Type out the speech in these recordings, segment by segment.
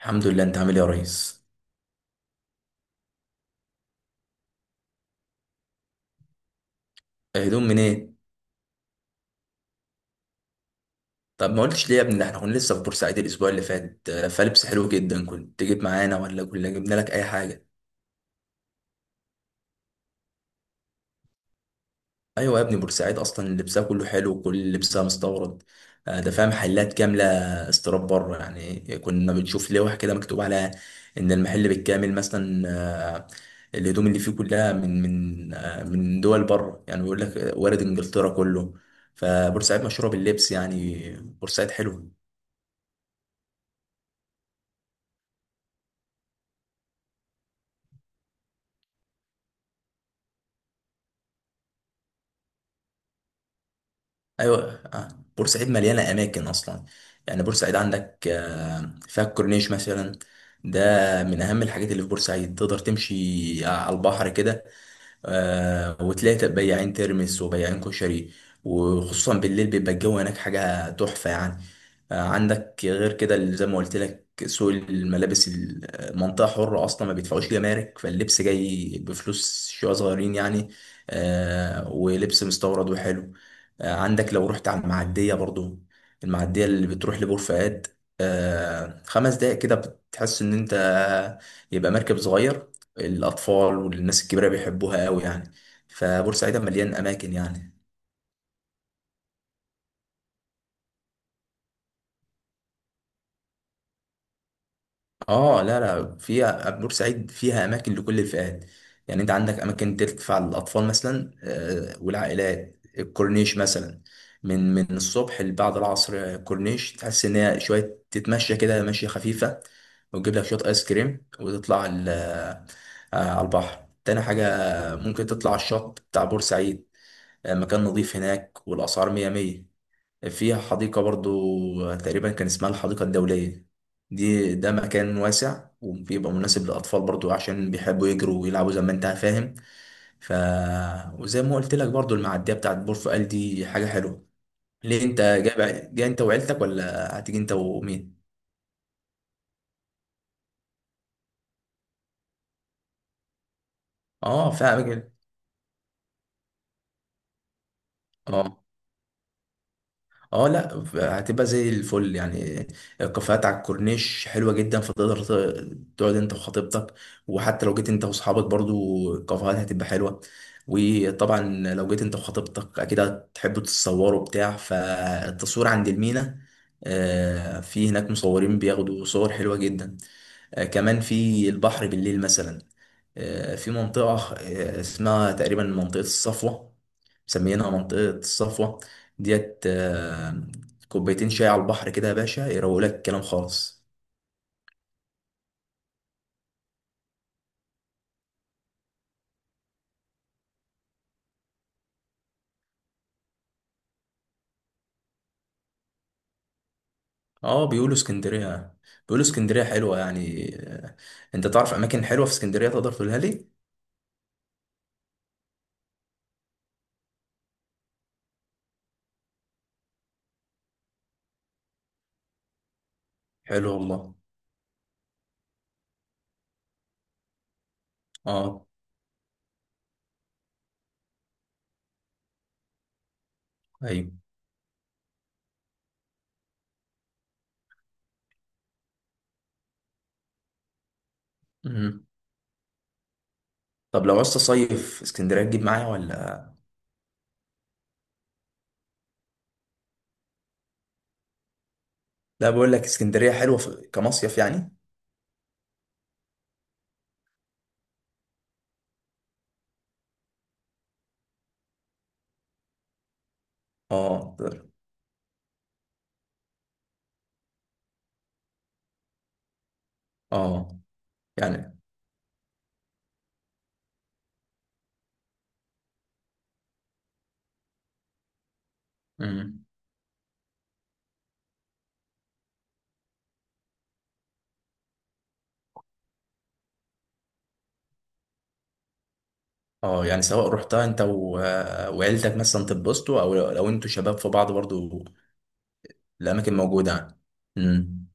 الحمد لله. انت عامل ايه يا ريس؟ هدوم منين؟ طب ما قلتش ليه يا ابني؟ ده احنا كنا لسه في بورسعيد الاسبوع اللي فات، فلبس حلو جدا، كنت تجيب معانا ولا كنا جبنا لك اي حاجه. ايوه يا ابني، بورسعيد اصلا لبسها كله حلو وكل لبسها مستورد. ده فيها محلات كامله استيراد بره، يعني كنا بنشوف لوح كده مكتوب عليها ان المحل بالكامل مثلا الهدوم اللي فيه كلها من من دول بره، يعني بيقول لك وارد انجلترا كله. فبورسعيد مشهوره باللبس، يعني بورسعيد حلو. ايوه آه. بورسعيد مليانه اماكن اصلا، يعني بورسعيد عندك فيها الكورنيش مثلا. ده من اهم الحاجات اللي في بورسعيد، تقدر تمشي على البحر كده. آه، وتلاقي بياعين ترمس وبياعين كشري، وخصوصا بالليل بيبقى الجو هناك حاجة تحفة يعني. آه، عندك غير كده اللي زي ما قلت لك سوق الملابس، المنطقة حرة أصلا، ما بيدفعوش جمارك، فاللبس جاي بفلوس شوية صغيرين يعني. آه، ولبس مستورد وحلو. آه، عندك لو رحت على المعدية برضو، المعدية اللي بتروح لبور فؤاد، آه، خمس دقايق كده بتحس إن أنت يبقى مركب صغير. الأطفال والناس الكبيرة بيحبوها قوي يعني. فبورسعيد مليان أماكن يعني. اه، لا فيها، بورسعيد فيها أماكن لكل الفئات، يعني أنت عندك أماكن تدفع للأطفال مثلا والعائلات، الكورنيش مثلا من الصبح لبعد العصر. كورنيش تحس إن هي شوية تتمشى كده مشية خفيفة، وتجيب لك شوية آيس كريم وتطلع على البحر. تاني حاجة ممكن تطلع الشط بتاع بورسعيد، آه، مكان نظيف هناك والأسعار مية مية. فيها حديقة برضو تقريبا كان اسمها الحديقة الدولية، دي ده مكان واسع وبيبقى مناسب للأطفال برضو عشان بيحبوا يجروا ويلعبوا زي ما انت فاهم. ف وزي ما قلت لك برضو المعدية بتاعت بورفؤال دي حاجة حلوة. ليه انت جاي انت وعيلتك ولا هتيجي انت ومين؟ اه، فاهم كده. اه. اه لا، هتبقى زي الفل يعني. الكافيهات على الكورنيش حلوه جدا، فتقدر تقعد انت وخطيبتك، وحتى لو جيت انت واصحابك برضو الكافيهات هتبقى حلوه. وطبعا لو جيت انت وخطيبتك اكيد هتحبوا تتصوروا بتاع، فالتصوير عند المينا، آه، في هناك مصورين بياخدوا صور حلوه جدا. آه، كمان في البحر بالليل مثلا، في منطقة اسمها تقريبا منطقة الصفوة، مسميينها منطقة الصفوة ديت. كوبايتين شاي على البحر كده يا باشا يروق لك الكلام خالص. اه، بيقولوا اسكندرية، بيقولوا اسكندرية حلوة يعني. انت تعرف اماكن حلوة في اسكندرية تقدر تقولها لي؟ حلو والله. اه. ايوه. مهم. طب لو عايز تصيف اسكندرية تجيب معايا ولا؟ لا، بقول لك اسكندرية حلوة كمصيف يعني. اه. اه يعني. مم. اه، يعني سواء رحتها انت وعيلتك مثلا تتبسطوا، او لو انتوا شباب في بعض برضو، الاماكن موجوده يعني. امم.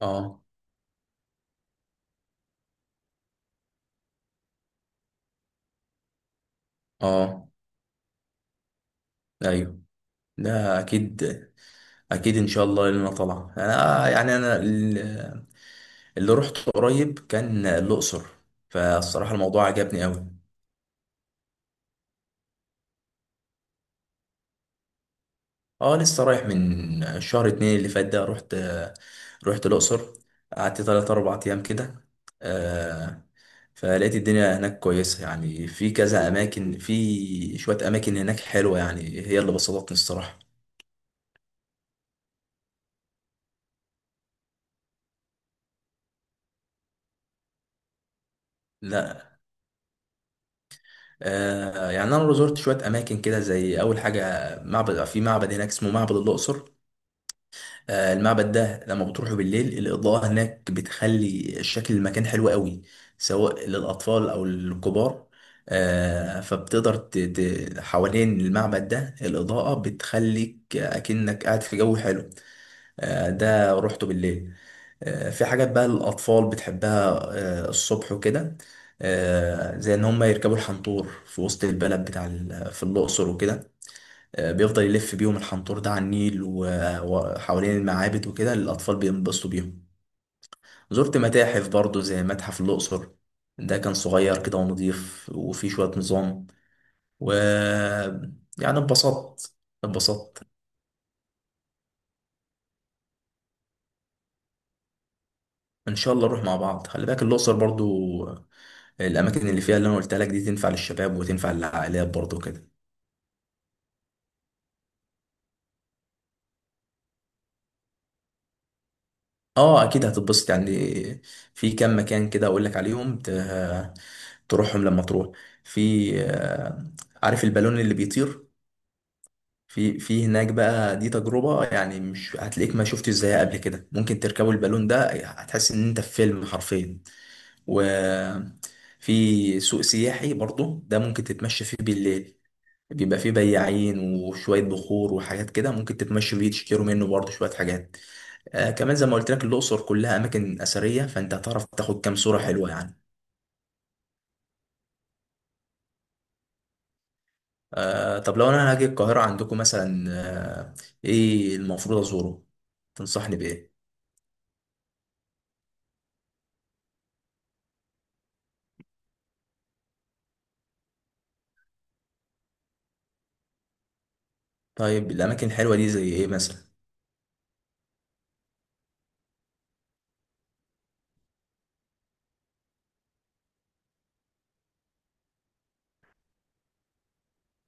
اه. اه. ايوه، ده اكيد. اكيد ان شاء الله لنا طلع. انا يعني اللي رحت قريب كان الاقصر، فالصراحه الموضوع عجبني قوي. اه، لسه رايح من شهر اتنين اللي فات ده، رحت، رحت الأقصر. قعدت تلات أربع أيام كده. آه، فلقيت الدنيا هناك كويسة يعني، في كذا أماكن، في شوية أماكن هناك حلوة يعني، هي اللي بسطتني الصراحة. لا. آه، يعني أنا زرت شوية أماكن كده، زي أول حاجة معبد، في معبد هناك اسمه معبد الأقصر. آه، المعبد ده لما بتروحوا بالليل الإضاءة هناك بتخلي شكل المكان حلو قوي، سواء للأطفال أو للكبار. آه، فبتقدر حوالين المعبد ده الإضاءة بتخليك أكنك قاعد في جو حلو. آه، ده روحته بالليل. آه، في حاجات بقى للأطفال بتحبها، آه، الصبح وكده، آه، زي إن هم يركبوا الحنطور في وسط البلد بتاع في الأقصر وكده. آه، بيفضل يلف بيهم الحنطور ده على النيل وحوالين المعابد وكده، الأطفال بينبسطوا بيهم. زرت متاحف برضو زي متحف الأقصر، ده كان صغير كده ونضيف وفيه شوية نظام. و يعني اتبسطت، اتبسطت. إن شاء الله نروح مع بعض. خلي بالك الأقصر برضو، آه، الأماكن اللي فيها اللي أنا قلت لك دي تنفع للشباب وتنفع للعائلات برضو كده. اه اكيد هتتبسط يعني. في كام مكان كده اقول لك عليهم تروحهم لما تروح. في، آه، عارف البالون اللي بيطير؟ في هناك بقى دي تجربة، يعني مش هتلاقيك ما شفتش زيها قبل كده. ممكن تركبوا البالون ده، هتحس ان انت في فيلم حرفيا. وفي سوق سياحي برضو ده ممكن تتمشى فيه بالليل، بيبقى فيه بياعين وشوية بخور وحاجات كده، ممكن تتمشوا فيه تشتروا منه برضو شوية حاجات. آه كمان زي ما قلت لك الأقصر كلها أماكن أثرية، فأنت هتعرف تاخد كام صورة حلوة يعني. آه، طب لو أنا هاجي القاهرة عندكم مثلا، آه، إيه المفروض أزوره؟ تنصحني بإيه؟ طيب الأماكن الحلوة دي زي إيه مثلا؟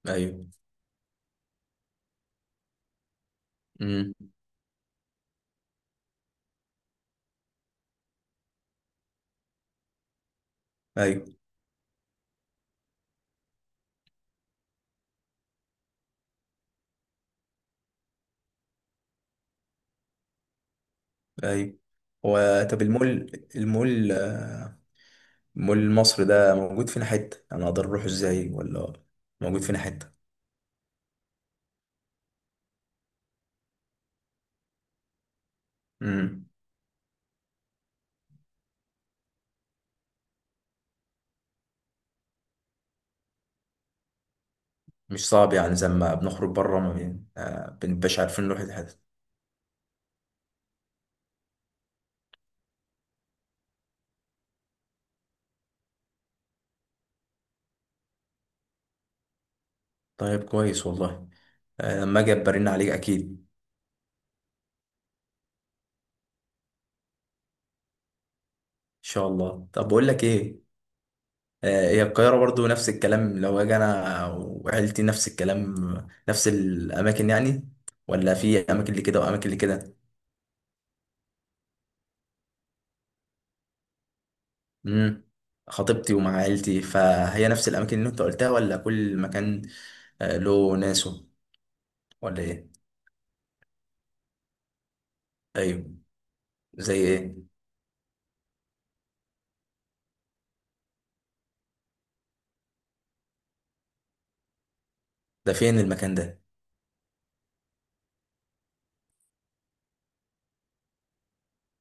أيوه. أمم. أيوه. أيوه. هو طب المول، مول مصر ده موجود فين حتة؟ أنا أقدر أروح إزاي ولا؟ موجود فين حتة؟ أمم. مش صعب يعني، زي ما بنخرج بره ما بين- آه بنبقاش عارفين نروح الحتة. طيب كويس والله. آه، لما اجي برن عليك اكيد. ان شاء الله. طب بقول لك ايه، آه، هي القاهره برضو نفس الكلام، لو اجي انا وعيلتي نفس الكلام نفس الاماكن يعني، ولا في اماكن اللي كده واماكن اللي كده؟ امم. خطيبتي ومع عيلتي، فهي نفس الاماكن اللي انت قلتها ولا كل مكان، آه، له ناسه؟ ولا ايه؟ ايوه. زي ايه؟ ده فين المكان ده؟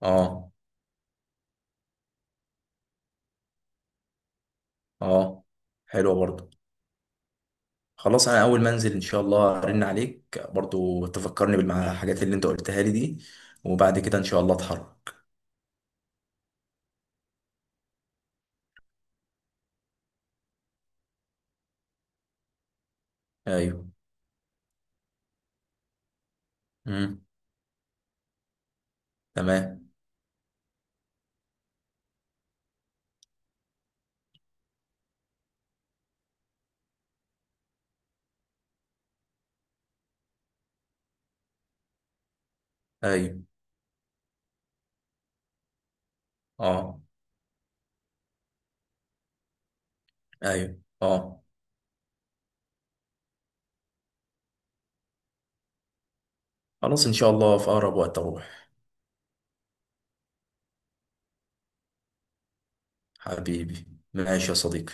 اه. اه، حلوه برضو. خلاص، انا اول ما انزل ان شاء الله ارن عليك برضو، تفكرني بالحاجات اللي انت قلتها لي دي، وبعد كده ان شاء الله اتحرك. ايوه. امم. تمام. ايوه. اه. ايوه. اه. خلاص ان شاء الله في اقرب وقت اروح. حبيبي. ماشي يا صديقي.